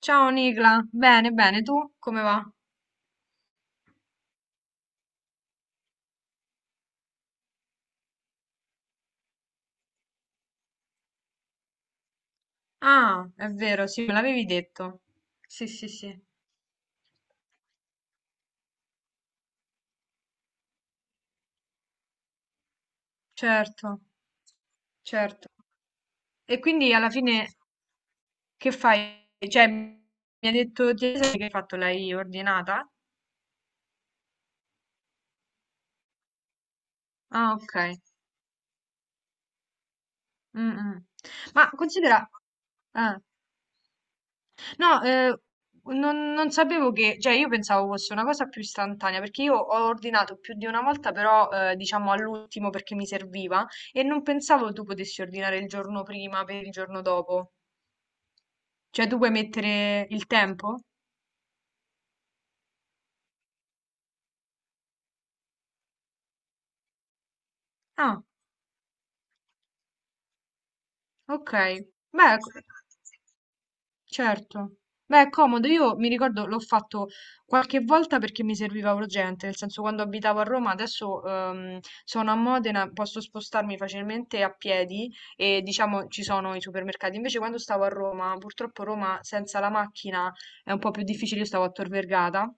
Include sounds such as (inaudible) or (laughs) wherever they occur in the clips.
Ciao Nicla, bene, bene, tu come va? Ah, è vero, sì, me l'avevi detto. Sì, sì, sì, certo, certo. E quindi alla fine che fai? Cioè, mi ha detto che hai fatto, l'hai ordinata? Ah, ok. Mm, mm. Ma considera. Ah. No, non sapevo che, cioè io pensavo fosse una cosa più istantanea, perché io ho ordinato più di una volta, però diciamo all'ultimo perché mi serviva e non pensavo tu potessi ordinare il giorno prima per il giorno dopo. Cioè tu puoi mettere il tempo? Ah, ok. Beh, certo. Beh, è comodo. Io mi ricordo l'ho fatto qualche volta perché mi serviva urgente, nel senso quando abitavo a Roma, adesso sono a Modena, posso spostarmi facilmente a piedi e diciamo ci sono i supermercati. Invece quando stavo a Roma, purtroppo Roma senza la macchina è un po' più difficile, io stavo a Tor Vergata.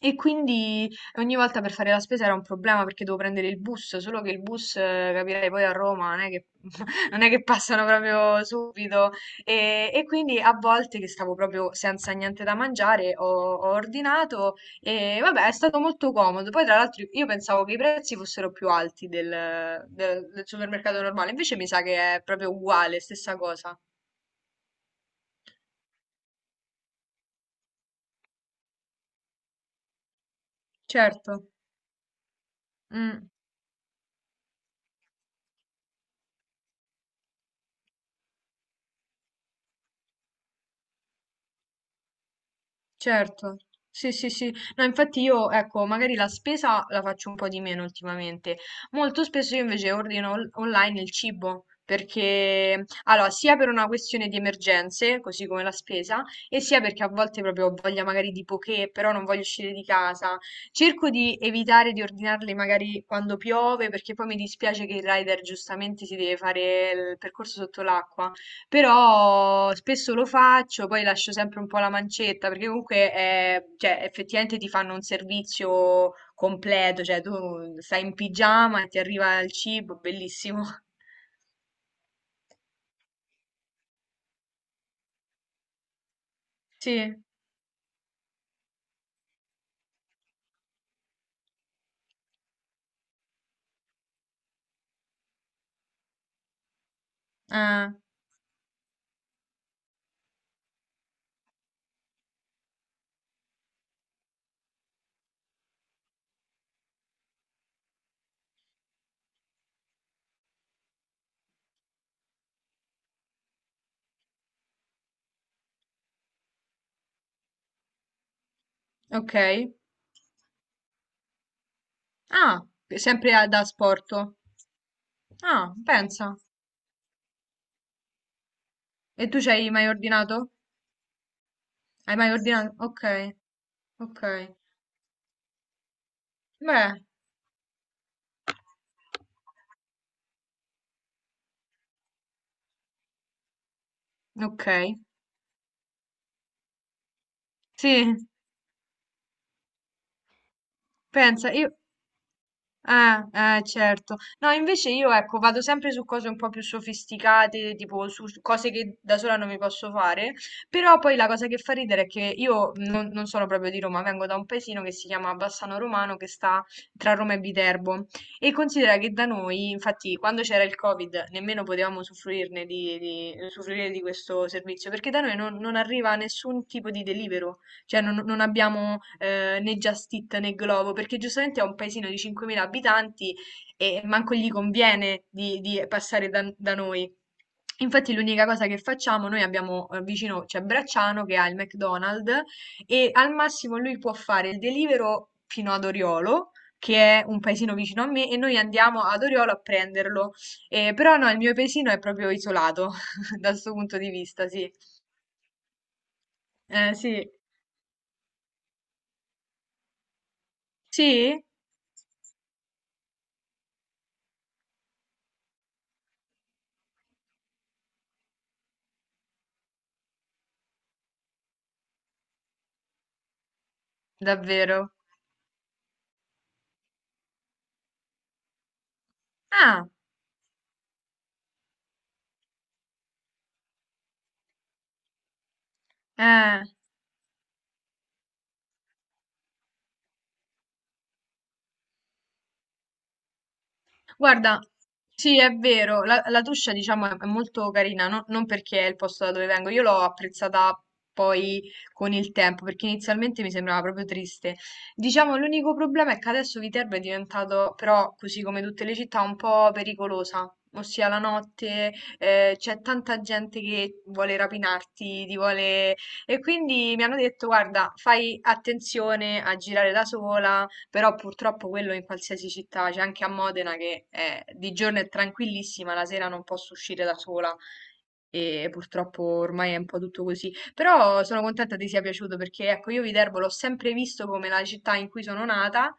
E quindi ogni volta per fare la spesa era un problema perché dovevo prendere il bus, solo che il bus, capirei, poi a Roma non è che, (laughs) non è che passano proprio subito. E quindi a volte che stavo proprio senza niente da mangiare ho ordinato e vabbè è stato molto comodo. Poi tra l'altro io pensavo che i prezzi fossero più alti del supermercato normale, invece mi sa che è proprio uguale, stessa cosa. Certo. Mm. Certo, sì, sì, sì. No, infatti io, ecco, magari la spesa la faccio un po' di meno ultimamente. Molto spesso io invece ordino online il cibo, perché, allora, sia per una questione di emergenze, così come la spesa, e sia perché a volte proprio ho voglia magari di poché, però non voglio uscire di casa. Cerco di evitare di ordinarli magari quando piove, perché poi mi dispiace che il rider giustamente si deve fare il percorso sotto l'acqua. Però spesso lo faccio, poi lascio sempre un po' la mancetta, perché comunque è- cioè, effettivamente ti fanno un servizio completo, cioè tu stai in pigiama e ti arriva il cibo, bellissimo. (laughs) Sì, ah, ok. Ah, sempre da asporto. Ah, pensa. E tu ci hai mai ordinato? Hai mai ordinato? Ok, ok. Beh, ok. Sì, pensa, io. Eh, eh, certo. No, invece io, ecco, vado sempre su cose un po' più sofisticate, tipo su cose che da sola non mi posso fare, però poi la cosa che fa ridere è che io non sono proprio di Roma, vengo da un paesino che si chiama Bassano Romano, che sta tra Roma e Viterbo, e considera che da noi, infatti, quando c'era il Covid, nemmeno potevamo usufruirne usufruire di questo servizio, perché da noi non arriva nessun tipo di delivero. Cioè non abbiamo, né Just Eat né Glovo, perché giustamente è un paesino di 5.000 abitanti e manco gli conviene di passare da noi. Infatti l'unica cosa che facciamo, noi abbiamo, vicino c'è Bracciano che ha il McDonald's e al massimo lui può fare il Deliveroo fino ad Oriolo, che è un paesino vicino a me, e noi andiamo ad Oriolo a prenderlo. Però no, il mio paesino è proprio isolato (laughs) da 'sto punto di vista, sì. Sì. Sì? Davvero? Ah, eh. Guarda, sì, è vero, la Tuscia diciamo è molto carina, non perché è il posto da dove vengo, io l'ho apprezzata poi con il tempo, perché inizialmente mi sembrava proprio triste. Diciamo, l'unico problema è che adesso Viterbo è diventato, però, così come tutte le città, un po' pericolosa. Ossia, la notte, c'è tanta gente che vuole rapinarti, ti vuole. E quindi mi hanno detto, guarda, fai attenzione a girare da sola. Però purtroppo quello in qualsiasi città, c'è anche a Modena che di giorno è tranquillissima, la sera non posso uscire da sola e purtroppo ormai è un po' tutto così. Però sono contenta ti sia piaciuto perché ecco, io Viterbo l'ho sempre visto come la città in cui sono nata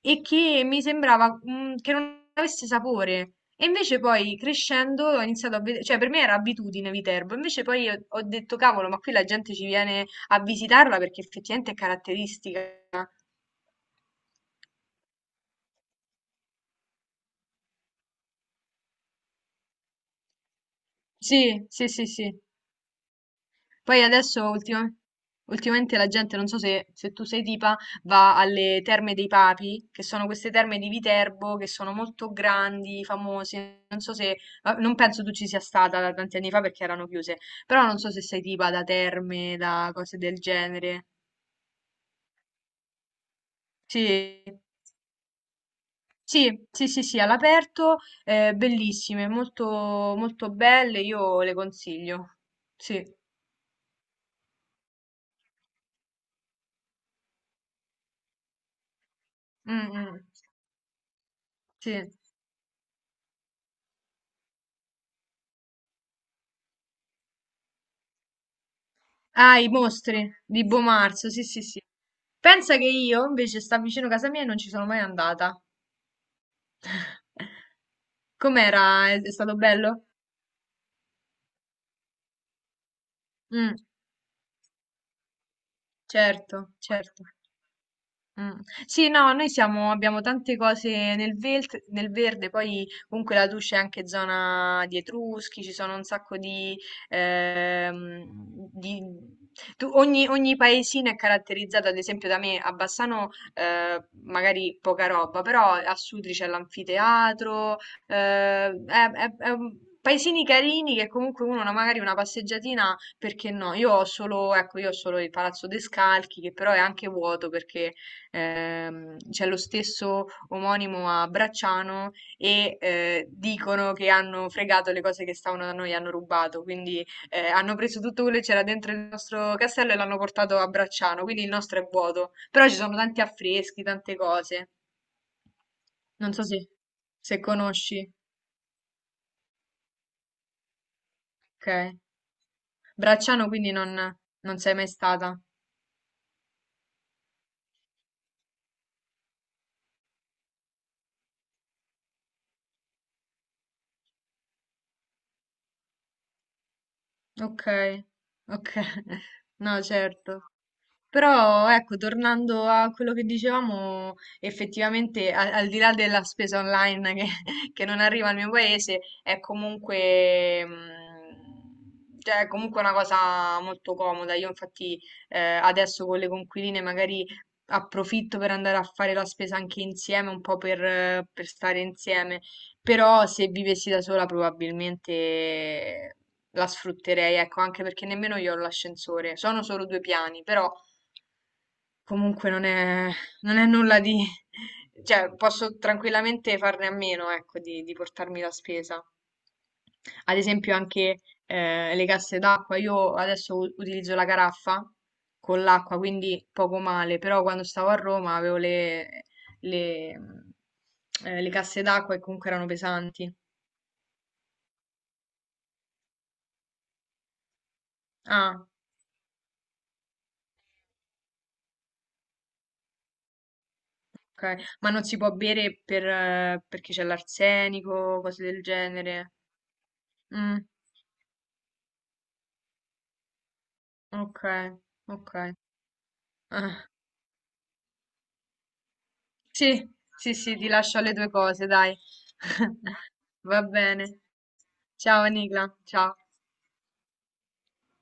e che mi sembrava che non avesse sapore. E invece poi crescendo ho iniziato a vedere, cioè per me era abitudine Viterbo, invece poi io ho detto cavolo, ma qui la gente ci viene a visitarla perché effettivamente è caratteristica. Sì, sì, sì, sì. Poi adesso ultimamente la gente, non so se, tu sei tipa, va alle Terme dei Papi, che sono queste terme di Viterbo, che sono molto grandi, famose. Non so se, ah, non penso tu ci sia stata da tanti anni fa perché erano chiuse, però non so se sei tipa da terme, da cose del genere. Sì. Sì, sì, sì, sì, all'aperto, bellissime, molto, molto belle, io le consiglio. Sì, mm, mm. Sì. Ah, i mostri di Bo Marzo, sì, sì, sì. Pensa che io invece sta vicino a casa mia e non ci sono mai andata. Com'era? È stato bello? Mm, certo, certo. Mm. Sì, no, noi siamo, abbiamo tante cose nel, nel verde, poi comunque la Tuscia è anche zona di Etruschi, ci sono un sacco di. ehm, di- Ogni paesino è caratterizzato, ad esempio da me a Bassano magari poca roba, però a Sutri c'è l'anfiteatro, eh, è- paesini carini che comunque uno magari una passeggiatina perché no? Io ho solo, ecco, io ho solo il Palazzo De Scalchi, che però è anche vuoto perché c'è lo stesso omonimo a Bracciano e dicono che hanno fregato le cose che stavano da noi, hanno rubato, quindi hanno preso tutto quello che c'era dentro il nostro castello e l'hanno portato a Bracciano, quindi il nostro è vuoto. Però ci sono tanti affreschi, tante cose. Non so se, conosci, ok. Bracciano quindi non sei mai stata. Ok, ok. (laughs) No, certo. Però ecco, tornando a quello che dicevamo, effettivamente al, di là della spesa online che, (laughs) che non arriva al mio paese, è comunque, cioè, è comunque una cosa molto comoda. Io infatti adesso con le conquiline magari approfitto per andare a fare la spesa anche insieme, un po' per stare insieme. Però se vivessi da sola probabilmente la sfrutterei, ecco, anche perché nemmeno io ho l'ascensore. Sono solo 2 piani, però. Comunque non è nulla di. (laughs) Cioè posso tranquillamente farne a meno, ecco, di portarmi la spesa. Ad esempio anche le casse d'acqua, io adesso utilizzo la caraffa con l'acqua, quindi poco male, però quando stavo a Roma avevo le, mh, le casse d'acqua e comunque erano pesanti. Ah, ok, ma non si può bere perché c'è l'arsenico, cose del genere. Mm, ok, ok. Ah, sì, sì, sì, ti lascio alle tue cose, dai. (laughs) Va bene. Ciao Nicla, ciao.